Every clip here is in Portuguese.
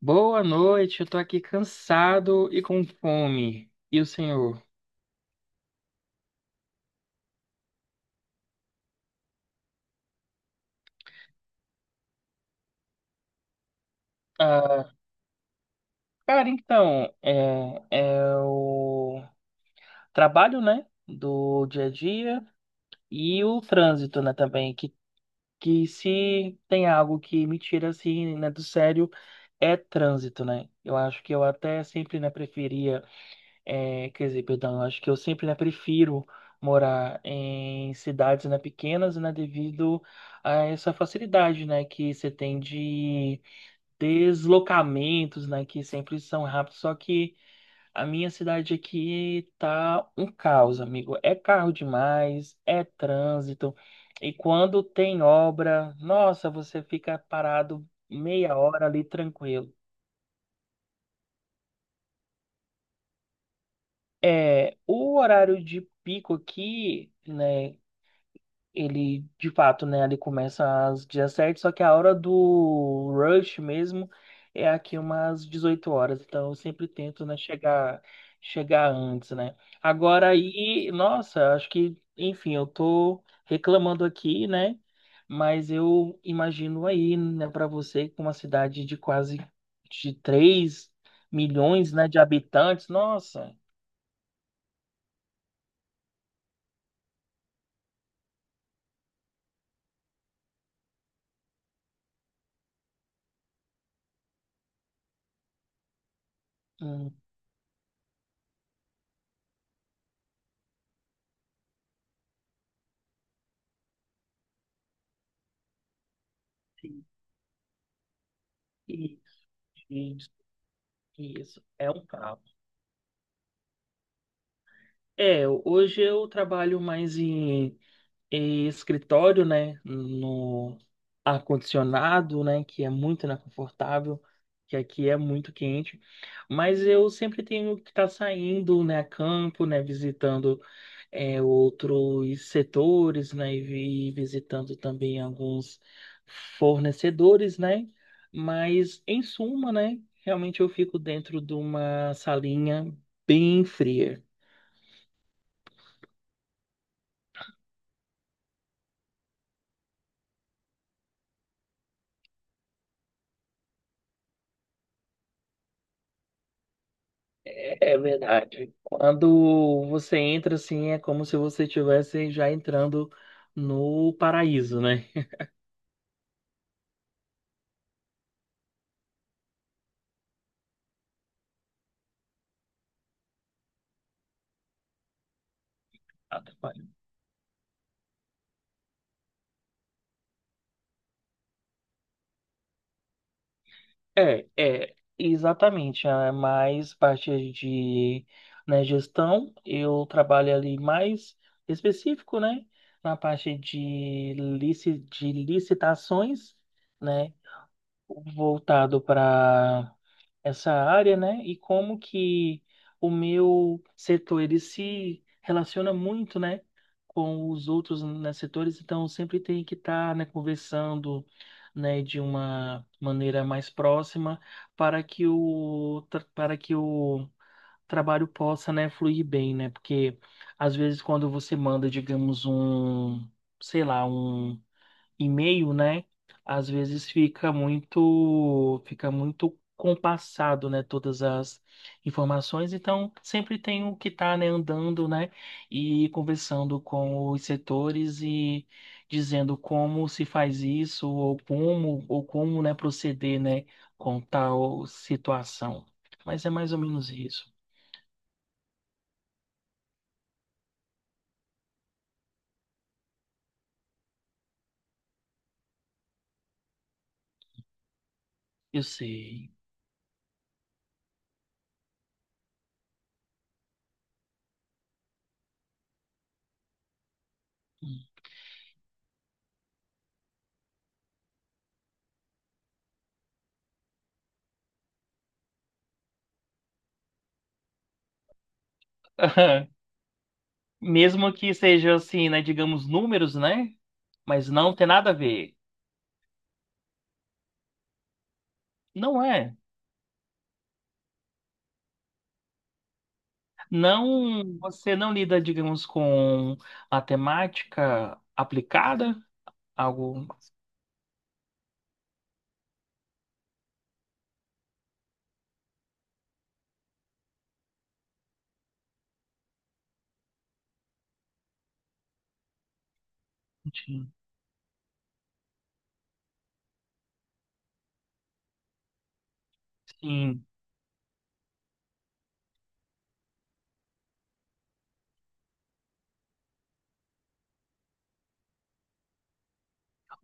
Boa noite, eu tô aqui cansado e com fome. E o senhor? Ah, cara, então, é o trabalho, né, do dia a dia e o trânsito, né, também, que se tem algo que me tira, assim, né, do sério, é trânsito, né? Eu acho que eu até sempre, né, preferia. É, quer dizer, perdão, eu acho que eu sempre, né, prefiro morar em cidades, né, pequenas, né, devido a essa facilidade, né, que você tem de deslocamentos, né, que sempre são rápidos, só que a minha cidade aqui tá um caos, amigo. É carro demais, é trânsito, e quando tem obra, nossa, você fica parado meia hora ali tranquilo. É, o horário de pico aqui, né? Ele de fato, né, ele começa às 17h, só que a hora do rush mesmo é aqui umas 18h, então eu sempre tento, né, chegar antes, né? Agora aí, nossa, acho que, enfim, eu tô reclamando aqui, né? Mas eu imagino aí, né, para você com uma cidade de quase de 3 milhões, né, de habitantes, nossa. Hum, e- e- e isso é um caos. É, hoje eu trabalho mais em escritório, né? No ar-condicionado, né? Que é muito confortável, que aqui é muito quente. Mas eu sempre tenho que estar saindo, né? A campo, né? Visitando é, outros setores, né? E visitando também alguns fornecedores, né? Mas, em suma, né? Realmente eu fico dentro de uma salinha bem fria. É verdade. Quando você entra assim, é como se você estivesse já entrando no paraíso, né? Atrapalha. É, é, exatamente. É mais parte de, né, gestão. Eu trabalho ali mais específico, né? Na parte de, de licitações, né? Voltado para essa área, né? E como que o meu setor ele se relaciona muito, né, com os outros né, setores, então eu sempre tem que estar, né, conversando, né, de uma maneira mais próxima para que o trabalho possa, né, fluir bem, né? Porque às vezes quando você manda, digamos, um, sei lá, um e-mail, né? Às vezes fica muito compassado, né? Todas as informações. Então, sempre tem o que tá, né, andando, né? E conversando com os setores e dizendo como se faz isso, ou como, né, proceder, né, com tal situação. Mas é mais ou menos isso. Eu sei. Mesmo que sejam assim, né, digamos números, né? Mas não tem nada a ver. Não é. Não, você não lida, digamos, com a temática aplicada, algo. Sim. Sim.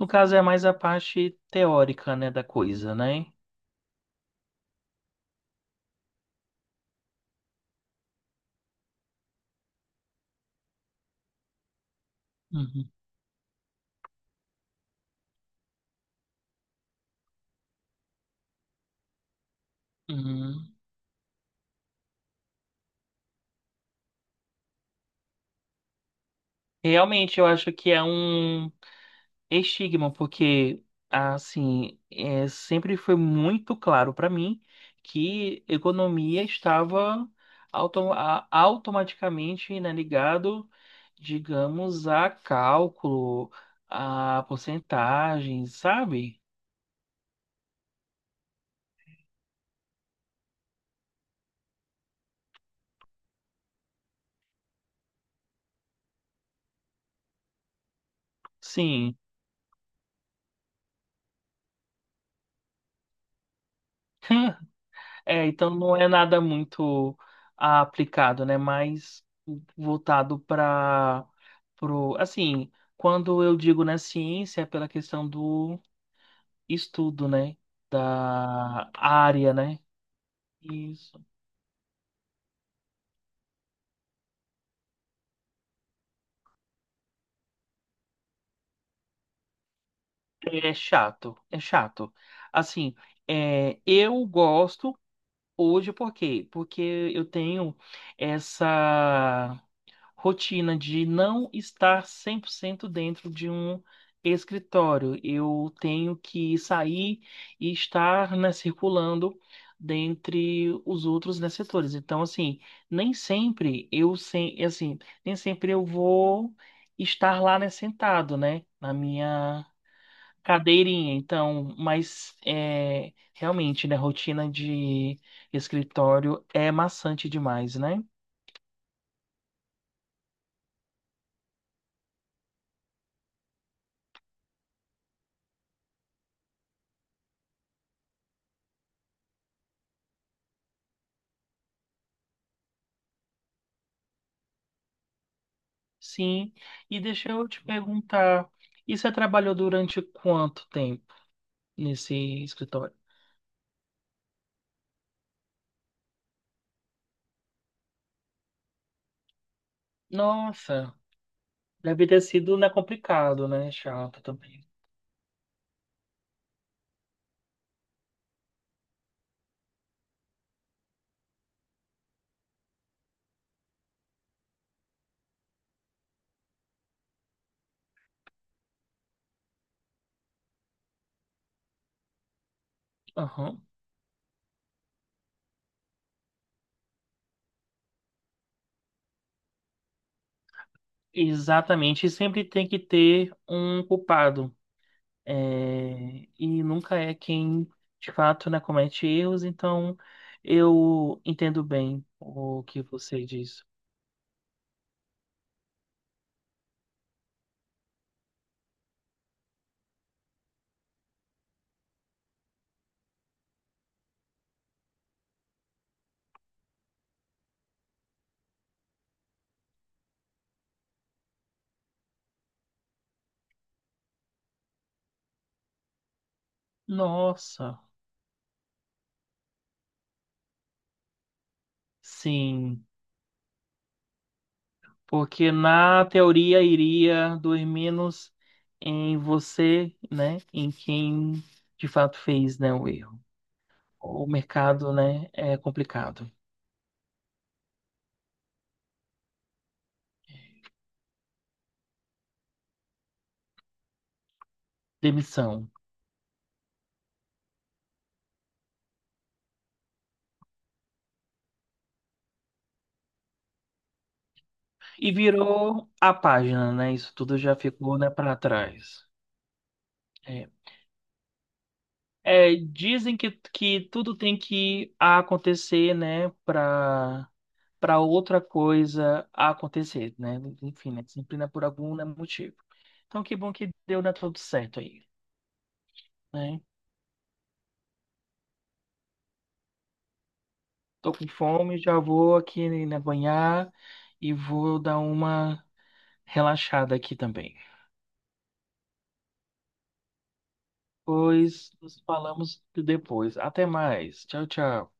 No caso é mais a parte teórica, né, da coisa, né? Uhum. Uhum. Realmente, eu acho que é um estigma, porque assim, é, sempre foi muito claro para mim que economia estava automaticamente, né, ligado, digamos, a cálculo, a porcentagens, sabe? Sim. É, então não é nada muito aplicado, né? Mais voltado para pro, assim, quando eu digo na ciência, é pela questão do estudo, né? Da área, né? Isso. É chato, é chato. Assim, é, eu gosto hoje por quê? Porque eu tenho essa rotina de não estar 100% dentro de um escritório. Eu tenho que sair e estar, né, circulando dentre os outros, né, setores. Então, assim, nem sempre eu sem, assim, nem sempre eu vou estar lá, né, sentado, né, na minha cadeirinha. Então, mas é, realmente, né, rotina de escritório é maçante demais, né? Sim. E deixa eu te perguntar, e você trabalhou durante quanto tempo nesse escritório? Nossa, deve ter sido, né, complicado, né? Chato também. Aham. Exatamente. E sempre tem que ter um culpado. É, e nunca é quem, de fato, né, comete erros. Então, eu entendo bem o que você diz. Nossa, sim. Porque na teoria iria doer menos em você, né? Em quem de fato fez, né, o erro. O mercado, né, é complicado. Demissão. E virou a página, né? Isso tudo já ficou, né, para trás. É. É, dizem que tudo tem que acontecer, né, para outra coisa acontecer, né? Enfim, né? Sempre né, por algum né, motivo. Então, que bom que deu, né, tudo certo aí, né? Tô com fome, já vou aqui na banhar e vou dar uma relaxada aqui também. Pois nos falamos depois. Até mais. Tchau, tchau.